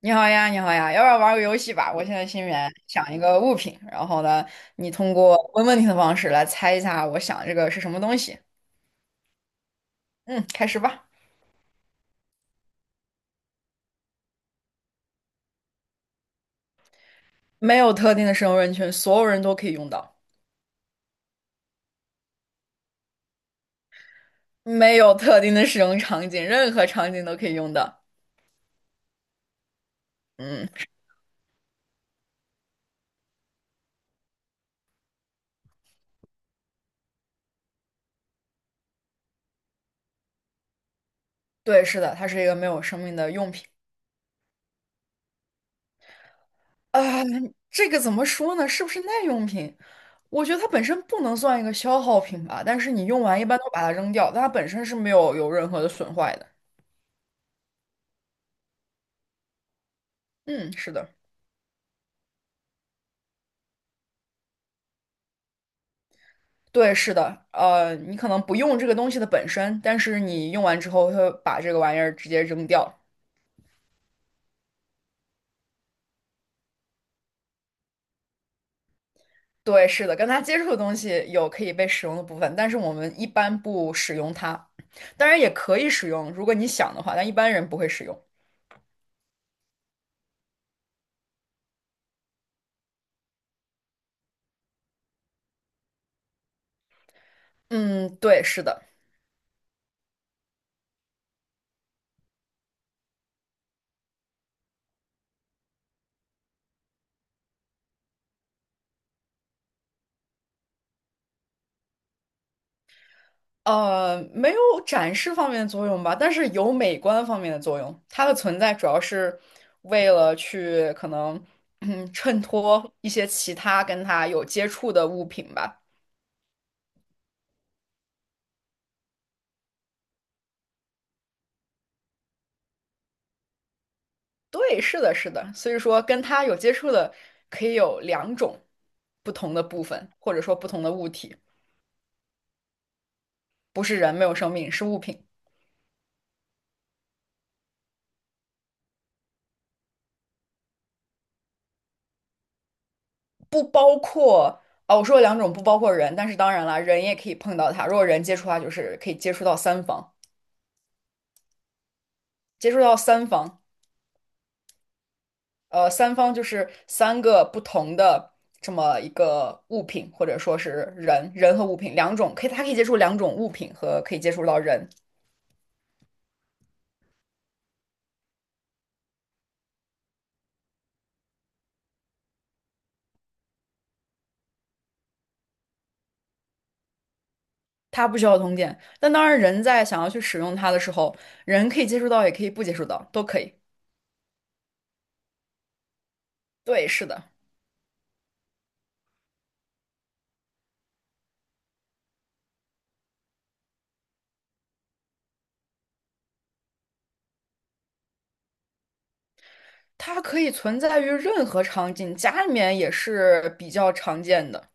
你好呀，你好呀，要不要玩个游戏吧？我现在心里面想一个物品，然后呢，你通过问问题的方式来猜一下我想这个是什么东西。嗯，开始吧。没有特定的使用人群，所有人都可以用到。没有特定的使用场景，任何场景都可以用到。嗯，对，是的，它是一个没有生命的用品。啊、这个怎么说呢？是不是耐用品？我觉得它本身不能算一个消耗品吧，但是你用完一般都把它扔掉，但它本身是没有任何的损坏的。嗯，是的。对，是的，你可能不用这个东西的本身，但是你用完之后，它会把这个玩意儿直接扔掉。对，是的，跟它接触的东西有可以被使用的部分，但是我们一般不使用它。当然也可以使用，如果你想的话，但一般人不会使用。嗯，对，是的，没有展示方面的作用吧，但是有美观方面的作用。它的存在主要是为了去可能 衬托一些其他跟它有接触的物品吧。对，是的，是的，所以说跟他有接触的可以有两种不同的部分，或者说不同的物体，不是人，没有生命，是物品，不包括啊。我说了两种不包括人，但是当然了，人也可以碰到它，如果人接触它，就是可以接触到三方，接触到三方，三方就是三个不同的这么一个物品，或者说是人，人和物品两种，可以，它可以接触两种物品和可以接触到人。它不需要通电。但当然，人在想要去使用它的时候，人可以接触到，也可以不接触到，都可以。对，是的，它可以存在于任何场景，家里面也是比较常见的。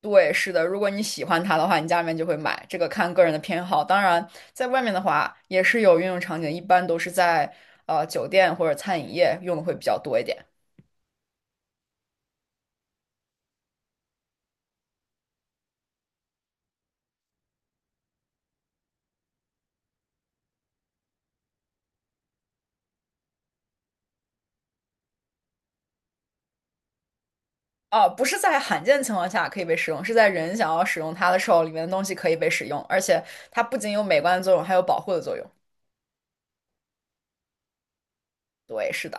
对，是的，如果你喜欢它的话，你家里面就会买，这个看个人的偏好。当然，在外面的话，也是有运用场景，一般都是在酒店或者餐饮业用的会比较多一点。啊，不是在罕见情况下可以被使用，是在人想要使用它的时候，里面的东西可以被使用，而且它不仅有美观的作用，还有保护的作用。对，是的，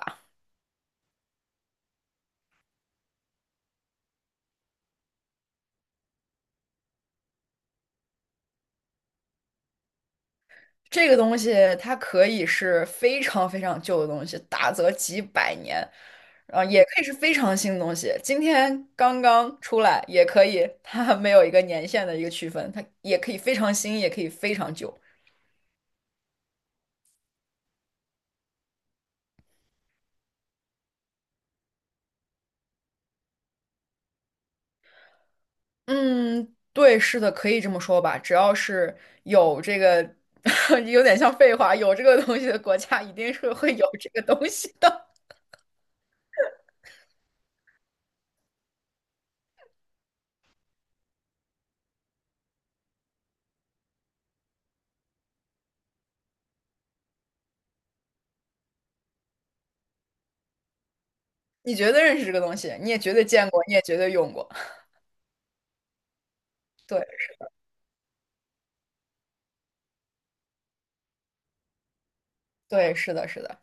这个东西它可以是非常非常旧的东西，大则几百年，啊，也可以是非常新的东西，今天刚刚出来也可以，它没有一个年限的一个区分，它也可以非常新，也可以非常旧。嗯，对，是的，可以这么说吧。只要是有这个，有点像废话，有这个东西的国家，一定是会有这个东西的。你绝对认识这个东西，你也绝对见过，你也绝对用过。对，对，是的，是的。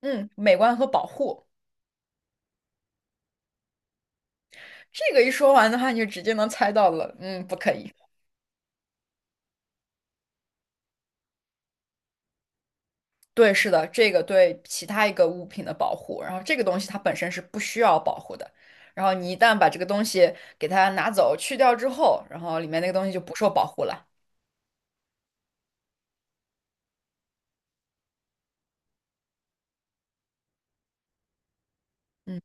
嗯，美观和保护，这个一说完的话，你就直接能猜到了。嗯，不可以。对，是的，这个对其他一个物品的保护，然后这个东西它本身是不需要保护的。然后你一旦把这个东西给它拿走、去掉之后，然后里面那个东西就不受保护了。嗯，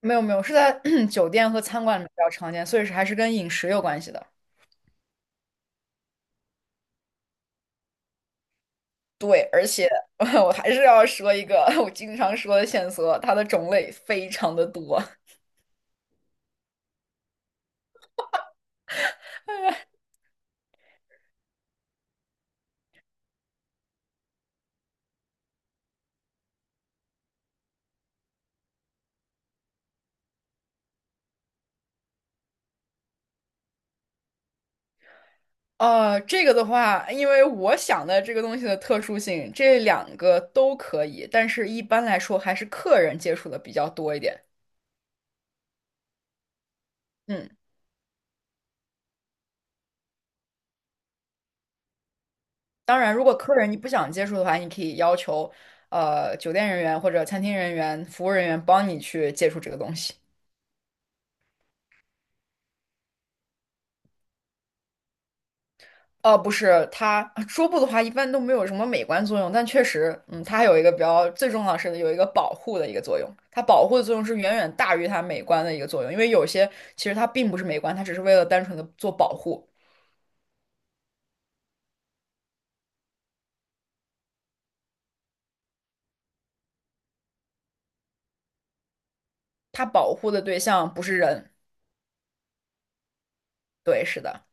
没有没有，是在 酒店和餐馆里面比较常见，所以是还是跟饮食有关系的。对，而且 我还是要说一个 我经常说的线索，它的种类非常的多。这个的话，因为我想的这个东西的特殊性，这两个都可以，但是一般来说还是客人接触的比较多一点。嗯，当然，如果客人你不想接触的话，你可以要求酒店人员或者餐厅人员、服务人员帮你去接触这个东西。哦，不是，它桌布的话一般都没有什么美观作用，但确实，它还有一个比较最重要的是有一个保护的一个作用。它保护的作用是远远大于它美观的一个作用，因为有些其实它并不是美观，它只是为了单纯的做保护。它保护的对象不是人，对，是的，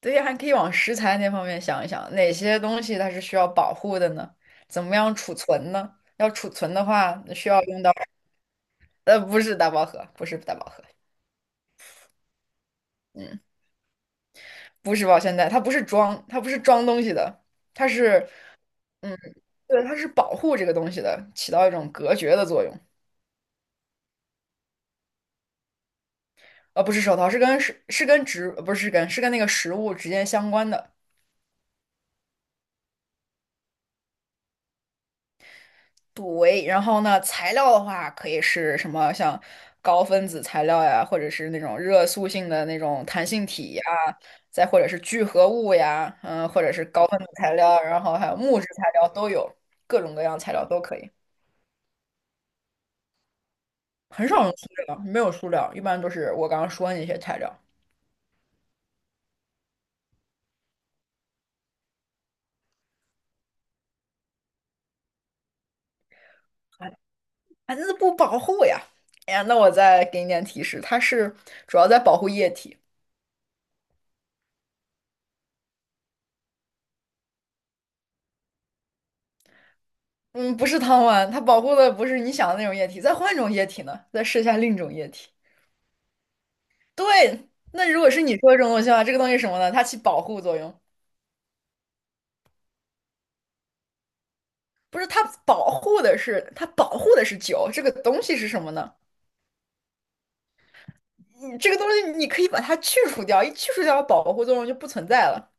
对，还可以往食材那方面想一想，哪些东西它是需要保护的呢？怎么样储存呢？要储存的话，需要用到，不是大饱盒，不是大盒，嗯。不是保鲜袋，它不是装东西的，它是，嗯，对，它是保护这个东西的，起到一种隔绝的作用。不是手套，是跟是是跟植，呃不是跟是跟那个食物直接相关的部位。然后呢，材料的话可以是什么，像高分子材料呀，或者是那种热塑性的那种弹性体呀，再或者是聚合物呀，或者是高分子材料，然后还有木质材料都有，各种各样材料都可以。很少用塑料，没有塑料，一般都是我刚刚说的那些材料。哎，啊那不保护呀！哎呀，那我再给你点提示，它是主要在保护液体，嗯，不是汤丸，它保护的不是你想的那种液体。再换一种液体呢？再试一下另一种液体。对，那如果是你说的这种东西的话，这个东西是什么呢？它起保护作用，不是它保护的是酒，这个东西是什么呢？你这个东西你可以把它去除掉，一去除掉保护作用就不存在了。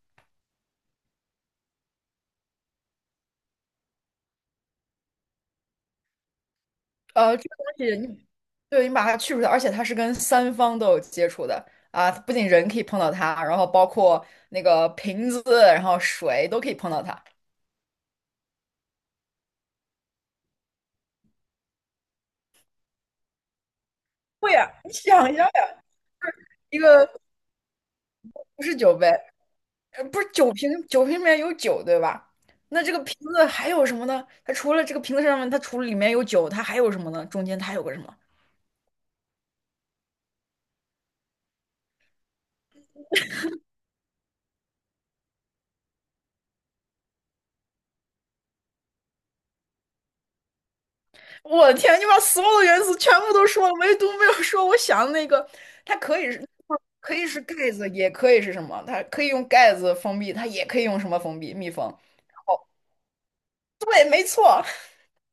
这个东西你对，你把它去除掉，而且它是跟三方都有接触的啊，不仅人可以碰到它，然后包括那个瓶子，然后水都可以碰到它。会呀，你想一下呀，一个不是酒杯，不是酒瓶，酒瓶里面有酒，对吧？那这个瓶子还有什么呢？它除了这个瓶子上面，它除了里面有酒，它还有什么呢？中间它还有个什么？我的天，你把所有的元素全部都说了，唯独没有说我想的那个，它可以是盖子，也可以是什么？它可以用盖子封闭，它也可以用什么封闭？密封。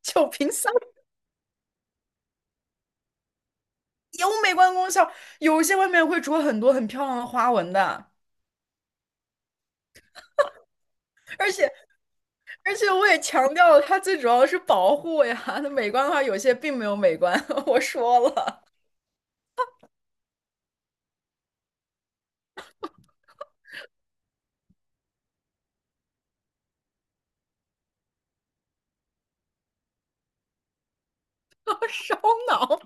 就凭香有美观功效，有些外面会着很多很漂亮的花纹的，而且而且我也强调了，它最主要的是保护呀。它美观的话，有些并没有美观，我说了，烧脑。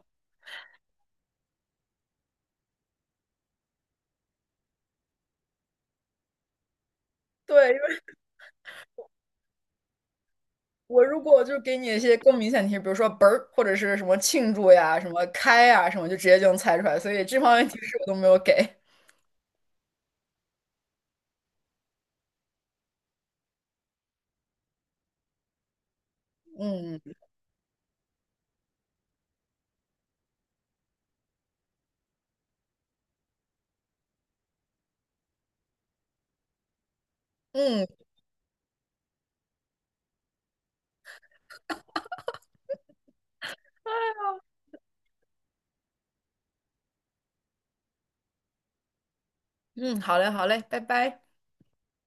对，我如果就是给你一些更明显的提示，比如说"啵儿"或者是什么庆祝呀、什么开呀、什么，就直接就能猜出来。所以这方面提示我都没有给。嗯嗯嗯，好嘞好嘞，拜拜。